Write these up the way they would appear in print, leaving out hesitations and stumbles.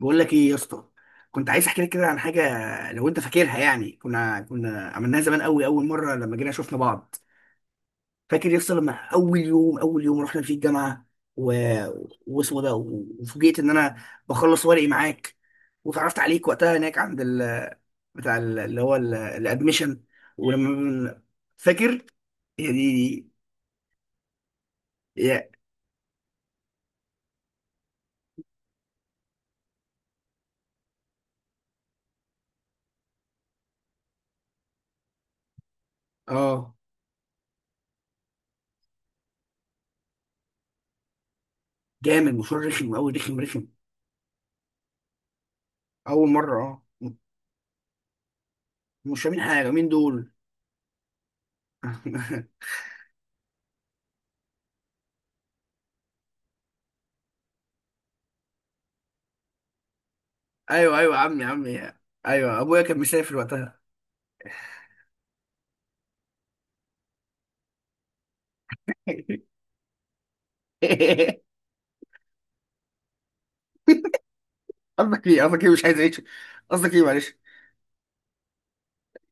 بقول لك ايه يا اسطى. كنت عايز احكي لك كده عن حاجه، لو انت فاكرها. يعني كنا عملناها زمان قوي، اول مره لما جينا شفنا بعض. فاكر يا اسطى لما اول يوم رحنا فيه الجامعه، و... واسمه ده، وفوجئت ان انا بخلص ورقي معاك، وتعرفت عليك وقتها هناك عند بتاع الادميشن. ولما بن- فاكر؟ يا دي دي. يا، اه، جامد. مشوار رخم قوي، رخم رخم. اول مره، اه، مش فاهمين حاجه، مين دول؟ ايوه ايوه، عمي عمي. ايوه ابويا كان مسافر وقتها. قصدك ايه، قصدك ايه مش عايز اعيش؟ قصدك ايه، معلش؟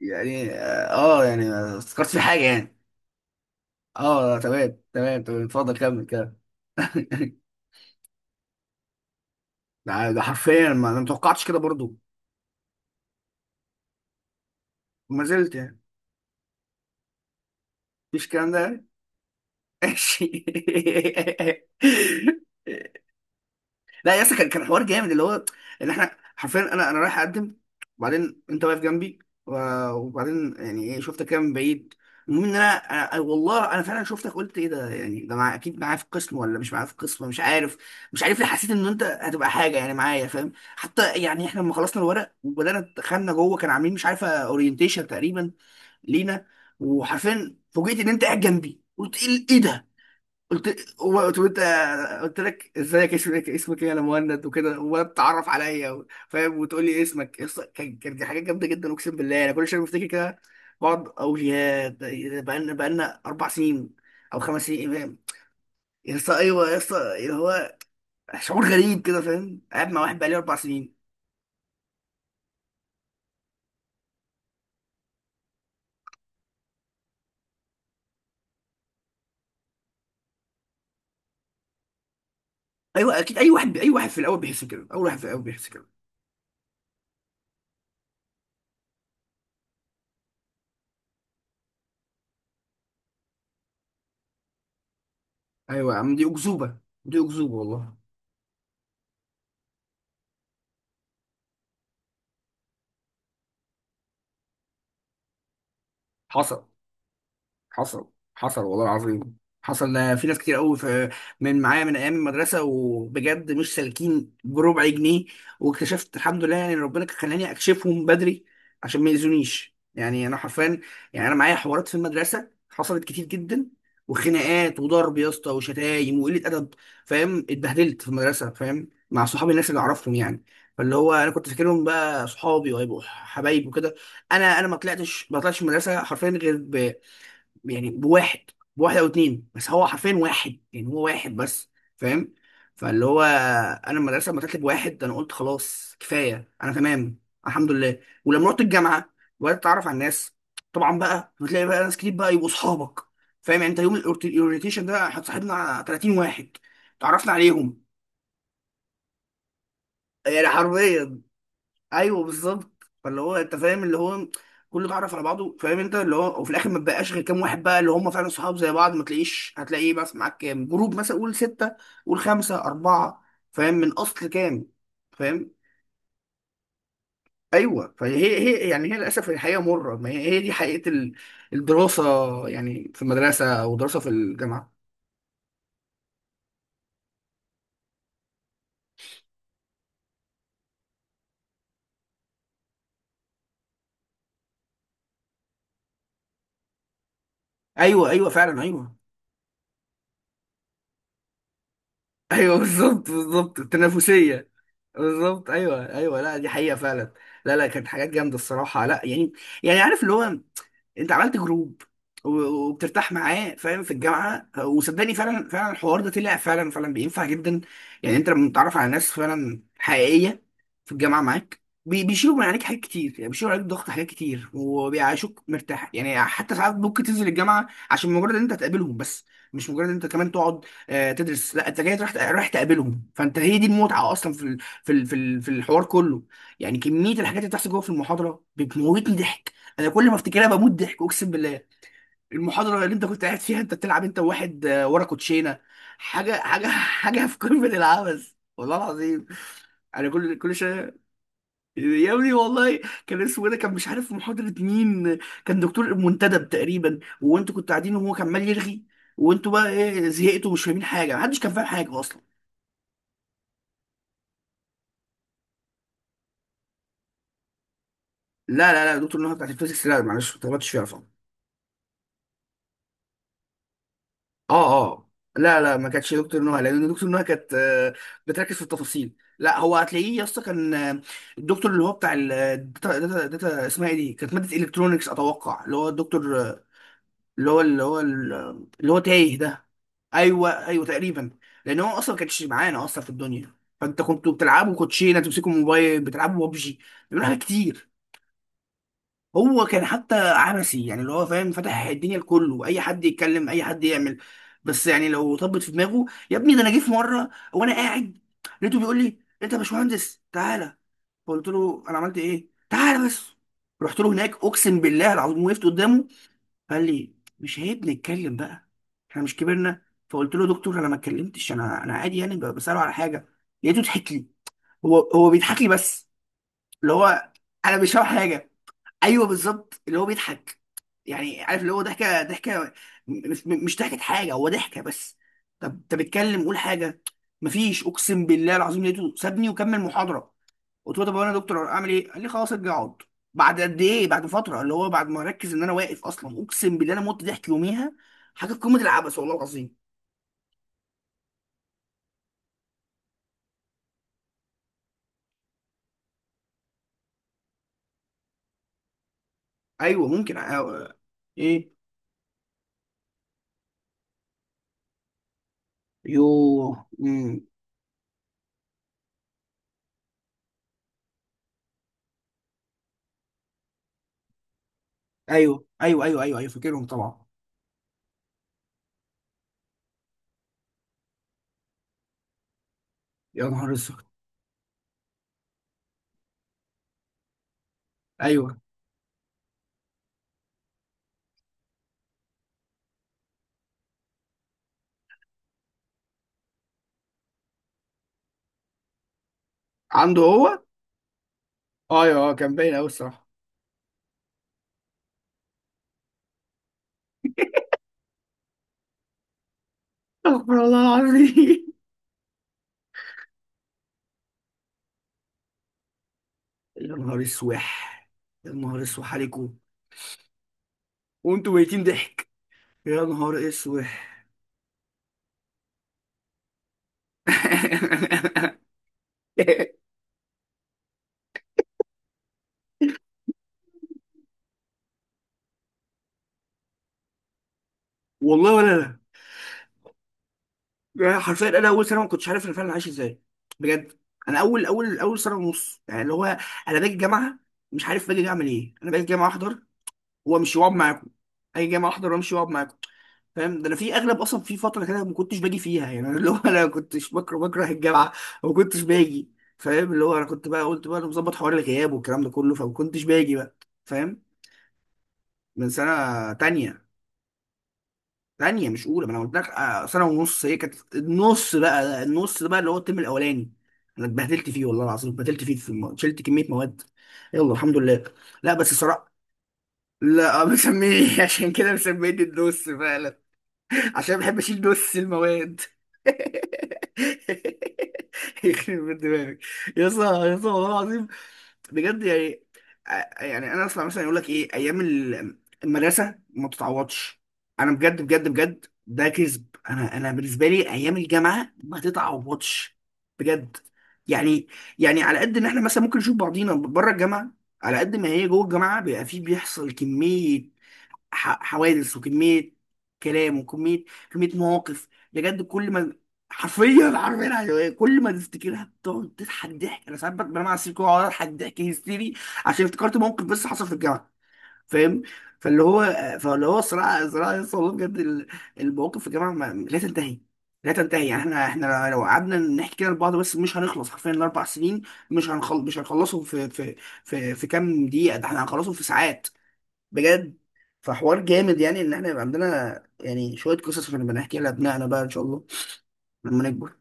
يعني اه. يعني ما افتكرتش في حاجه يعني. اه، تمام تمام تمام، اتفضل كمل كده. ده حرفيا ما انا متوقعتش كده برضو. ما زلت يعني. مفيش الكلام ده يعني. ماشي. لا يا اسطى، كان حوار جامد اللي هو، اللي احنا حرفيا، انا رايح اقدم، وبعدين انت واقف جنبي، وبعدين يعني ايه شفتك كده من بعيد. المهم ان انا والله انا فعلا شفتك، قلت ايه ده؟ يعني ده مع اكيد معايا في القسم ولا مش معايا في القسم، مش عارف. مش عارف ليه حسيت ان انت هتبقى حاجه يعني معايا، فاهم؟ حتى يعني احنا لما خلصنا الورق وبدانا دخلنا جوه، كان عاملين مش عارفه اورينتيشن تقريبا لينا، وحرفيا فوجئت ان انت قاعد جنبي. قلت إيه ده؟ قلت هو- قلت انت قلت لك ازيك، اسمك ايه يا مهند وكده، ولا بتتعرف عليا فاهم، وتقول لي اسمك كان دي حاجات جامده جدا، اقسم بالله انا كل شويه بفتكر كده. بقعد اقول يا، ده بقالنا اربع سنين او خمس سنين، فاهم؟ يا اسطى، ايوه يا اسطى، اللي هو شعور غريب كده، فاهم؟ قاعد مع واحد بقالي اربع سنين. ايوه اكيد، اي واحد اي واحد في الاول بيحس كده، اول واحد في الاول بيحس كده. ايوه يا عم دي اكذوبه، دي اكذوبه والله. حصل حصل حصل والله العظيم. حصل، ده في ناس كتير قوي في، من معايا من ايام المدرسه، وبجد مش سالكين بربع جنيه. واكتشفت الحمد لله، يعني ربنا كان خلاني اكشفهم بدري عشان ما يأذونيش. يعني انا حرفيا، يعني انا معايا حوارات في المدرسه حصلت كتير جدا، وخناقات وضرب يا اسطى، وشتايم وقله ادب، فاهم؟ اتبهدلت في المدرسه، فاهم، مع صحابي الناس اللي اعرفهم يعني. فاللي هو انا كنت فاكرهم بقى صحابي وهيبقوا حبايب وكده. انا ما طلعتش من المدرسه حرفيا غير يعني بواحد، بواحد او اتنين، بس هو حرفيا واحد، يعني هو واحد بس، فاهم؟ فاللي هو انا المدرسه لما طلعت بواحد انا قلت خلاص كفايه انا تمام، الحمد لله. ولما رحت الجامعه وبدات اتعرف على الناس، طبعا بقى بتلاقي بقى ناس كتير بقى يبقوا اصحابك، فاهم؟ يعني انت يوم الاورينتيشن ده احنا صاحبنا 30 واحد، اتعرفنا عليهم. يعني حرفيا. ايوه بالظبط، فاللي هو انت فاهم، اللي هو كله اتعرف على بعضه، فاهم؟ انت، اللي هو، وفي الاخر ما بقاش غير كام واحد بقى اللي هم فعلا صحاب زي بعض، ما تلاقيش هتلاقيه بس معاك كام جروب، مثلا قول سته، قول خمسه، اربعه، فاهم؟ من اصل كام؟ فاهم. ايوه، فهي هي يعني، هي للاسف الحقيقه مره، ما هي هي دي حقيقه الدراسه. يعني في المدرسه او دراسه في الجامعه. ايوه ايوه فعلا، ايوه. ايوه بالظبط، بالظبط، التنافسيه. بالظبط، ايوه ايوه، لا دي حقيقه فعلا. لا لا كانت حاجات جامده الصراحه، لا يعني. يعني عارف اللي هو، انت عملت جروب وبترتاح معاه، فاهم، في الجامعه. وصدقني فعلا فعلا الحوار ده طلع فعلا فعلا بينفع جدا. يعني انت لما بتتعرف على ناس فعلا حقيقيه في الجامعه معاك، بيشيلوا من عليك حاجات كتير، يعني بيشيلوا عليك ضغط حاجات كتير، وبيعيشوك مرتاح. يعني حتى ساعات ممكن تنزل الجامعه عشان مجرد ان انت تقابلهم بس، مش مجرد ان انت كمان تقعد تدرس. لا، انت جاي رايح رايح تقابلهم، فانت هي دي المتعه اصلا في في ال- في ال- في الحوار كله. يعني كميه الحاجات اللي بتحصل جوه في المحاضره بتموتني ضحك. انا كل ما افتكرها بموت ضحك اقسم بالله. المحاضره اللي انت كنت قاعد فيها، انت بتلعب انت وواحد ورا كوتشينه، حاجه، حاجه حاجه في قمه العبث، والله العظيم. انا كل شويه، يا ابني والله. كان اسمه إيه ده، كان مش عارف محاضره مين. كان دكتور منتدب تقريبا، وانتوا كنتوا قاعدين، وهو كان عمال يرغي، وانتوا بقى ايه زهقتوا، ومش فاهمين حاجه، محدش كان فاهم حاجه اصلا. لا لا لا، دكتور نهى بتاعت الفيزيكس؟ لا معلش، ما اتغلطتش فيها. اه اه. لا لا ما كانتش دكتور نهى، لان دكتور نهى كانت، بتركز في التفاصيل. لا، هو هتلاقيه يا اسطى كان، الدكتور اللي هو بتاع الداتا داتا داتا، اسمها ايه دي؟ كانت ماده الكترونكس اتوقع، اللي هو الدكتور، اللي هو تايه ده. ايوه ايوه تقريبا. لان هو اصلا ما كانش معانا اصلا في الدنيا. فانت كنتوا بتلعبوا كوتشينه، تمسكوا موبايل بتلعبوا ببجي، بيعملوا حاجات كتير. هو كان حتى عبثي، يعني اللي هو فاهم، فتح الدنيا لكله، اي حد يتكلم، اي حد يعمل. بس يعني لو طبت في دماغه. يا ابني، ده انا جه في مره وانا قاعد، لقيته بيقول لي انت يا باشمهندس تعالى. فقلت له انا عملت ايه؟ تعالى بس. رحت له هناك، اقسم بالله العظيم، وقفت قدامه. قال لي مش عيب نتكلم بقى، احنا مش كبرنا؟ فقلت له دكتور انا ما اتكلمتش، انا عادي، يعني بساله على حاجه. لقيته ضحك لي. هو بيضحك لي بس، اللي هو، انا مش فاهم حاجه. ايوه بالظبط، اللي هو بيضحك. يعني عارف، اللي هو ضحكه، ضحكه، مش ضحكه حاجه، هو ضحكه بس. طب انت بتتكلم، قول حاجه. مفيش، اقسم بالله العظيم، لقيته سابني وكمل محاضره. قلت له طب انا يا دكتور اعمل ايه؟ قال لي خلاص ارجع اقعد. بعد قد ايه، بعد فتره، اللي هو بعد ما اركز ان انا واقف اصلا. اقسم بالله انا مت ضحك يوميها، حاجه قمه العبث، والله العظيم. ايوه ممكن ايه. يوه، مم. ايوه ايوه ايوه ايوه ايوه، فاكرهم طبعا. يا نهار اسود. ايوه عنده هو. ايوه، كان باين قوي. استغفر الله العظيم. يا نهار اسوح. يا نهار اسوح عليكم. وانتوا ميتين ضحك. يا نهار اسوح. والله ولا لا. يعني حرفيا انا اول سنه ما كنتش عارف انا فعلا عايش ازاي، بجد. انا اول اول اول سنه ونص يعني، اللي هو انا باجي الجامعه، مش عارف باجي اعمل ايه. انا باجي الجامعه احضر وامشي واقعد معاكم. اجي الجامعه احضر وامشي واقعد معاكم، فاهم؟ ده انا في اغلب، اصلا في فتره كده ما كنتش باجي فيها، يعني أنا اللي هو انا كنتش بكره الجامعه وما كنتش باجي، فاهم؟ اللي هو انا كنت بقى قلت بقى انا مظبط حوار الغياب والكلام ده كله، فما كنتش باجي بقى، فاهم. من سنه تانية. تانية مش اولى، ما انا قلت لك، سنه ونص، هي كانت النص بقى. النص ده بقى اللي هو الترم الاولاني، انا اتبهدلت فيه والله العظيم، اتبهدلت فيه شلت كميه مواد. يلا الحمد لله. لا بس الصراحه. لا مسميني عشان كده مسميني النص فعلا، عشان بحب اشيل نص المواد. يخرب بيت دماغك. يا اسطى يا اسطى والله العظيم. بجد يعني، يعني انا اسمع مثلا يقول لك ايه ايام المدرسه ما بتتعوضش. انا بجد بجد بجد ده كذب. انا بالنسبه لي ايام الجامعه ما تتعوضش، بجد. يعني، يعني على قد ان احنا مثلا ممكن نشوف بعضينا بره الجامعه، على قد ما هي جوه الجامعه بيبقى فيه، بيحصل كميه حوادث، وكمية كلام، وكمية، كمية مواقف، بجد كل ما، حرفيا حرفيا حرفياً يعني إيه، كل ما تفتكرها بتقعد تضحك ضحك. انا ساعات بنام على السرير كده واقعد اضحك ضحك هيستيري عشان افتكرت موقف بس حصل في الجامعة، فاهم؟ فاللي هو، فاللي هو صراع صراع يس، والله بجد المواقف في الجامعة لا تنتهي، لا تنتهي. يعني احنا لو قعدنا نحكي كده لبعض بس مش هنخلص حرفيا الاربع سنين. مش هنخلصهم في كام دقيقة، ده احنا هنخلصهم في ساعات، بجد. فحوار جامد، يعني ان احنا يبقى عندنا يعني شويه قصص بنبقى نحكي لابنائنا بقى ان شاء الله لما نكبر.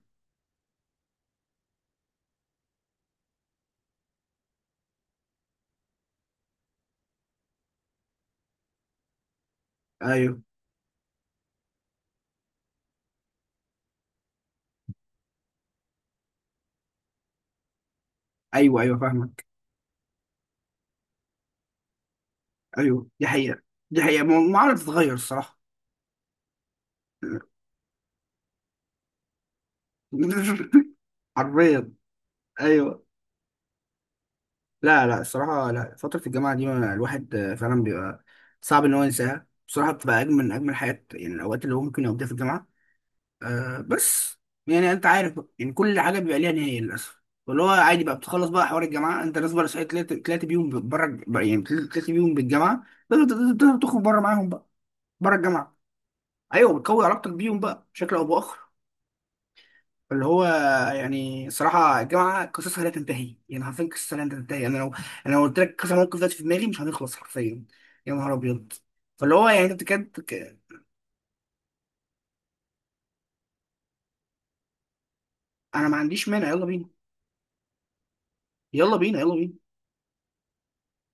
ايوه ايوه ايوه، فاهمك. ايوه دي حقيقه، دي حقيقه، ما عمرها بتتغير الصراحه. حرفيا. ايوه. لا لا الصراحه، لا، فتره الجامعه دي الواحد فعلا بيبقى صعب ان هو ينساها بصراحه، بتبقى اجمل من اجمل حاجات، يعني الاوقات اللي هو ممكن يقضيها في الجامعه. آه بس، يعني انت عارف بقى، يعني كل حاجه بيبقى ليها نهايه للاسف. فاللي هو عادي بقى بتخلص بقى حوار الجامعه، انت ناس بقى صحيت، طلعت بيهم بره، يعني طلعت بيهم بالجامعه، تقدر تخرج بره معاهم بقى، بره الجامعه. ايوه، بتقوي علاقتك بيهم بقى بشكل او باخر، اللي هو. يعني صراحه الجامعه قصصها لا تنتهي، يعني حرفيا قصصها لا تنتهي. انا لو قلت لك كذا موقف دلوقتي في دماغي مش هنخلص حرفيا. يا نهار ابيض. فاللي هو يعني انت بتكاد. انا ما عنديش مانع، يلا بينا، يلا بينا، يلا بينا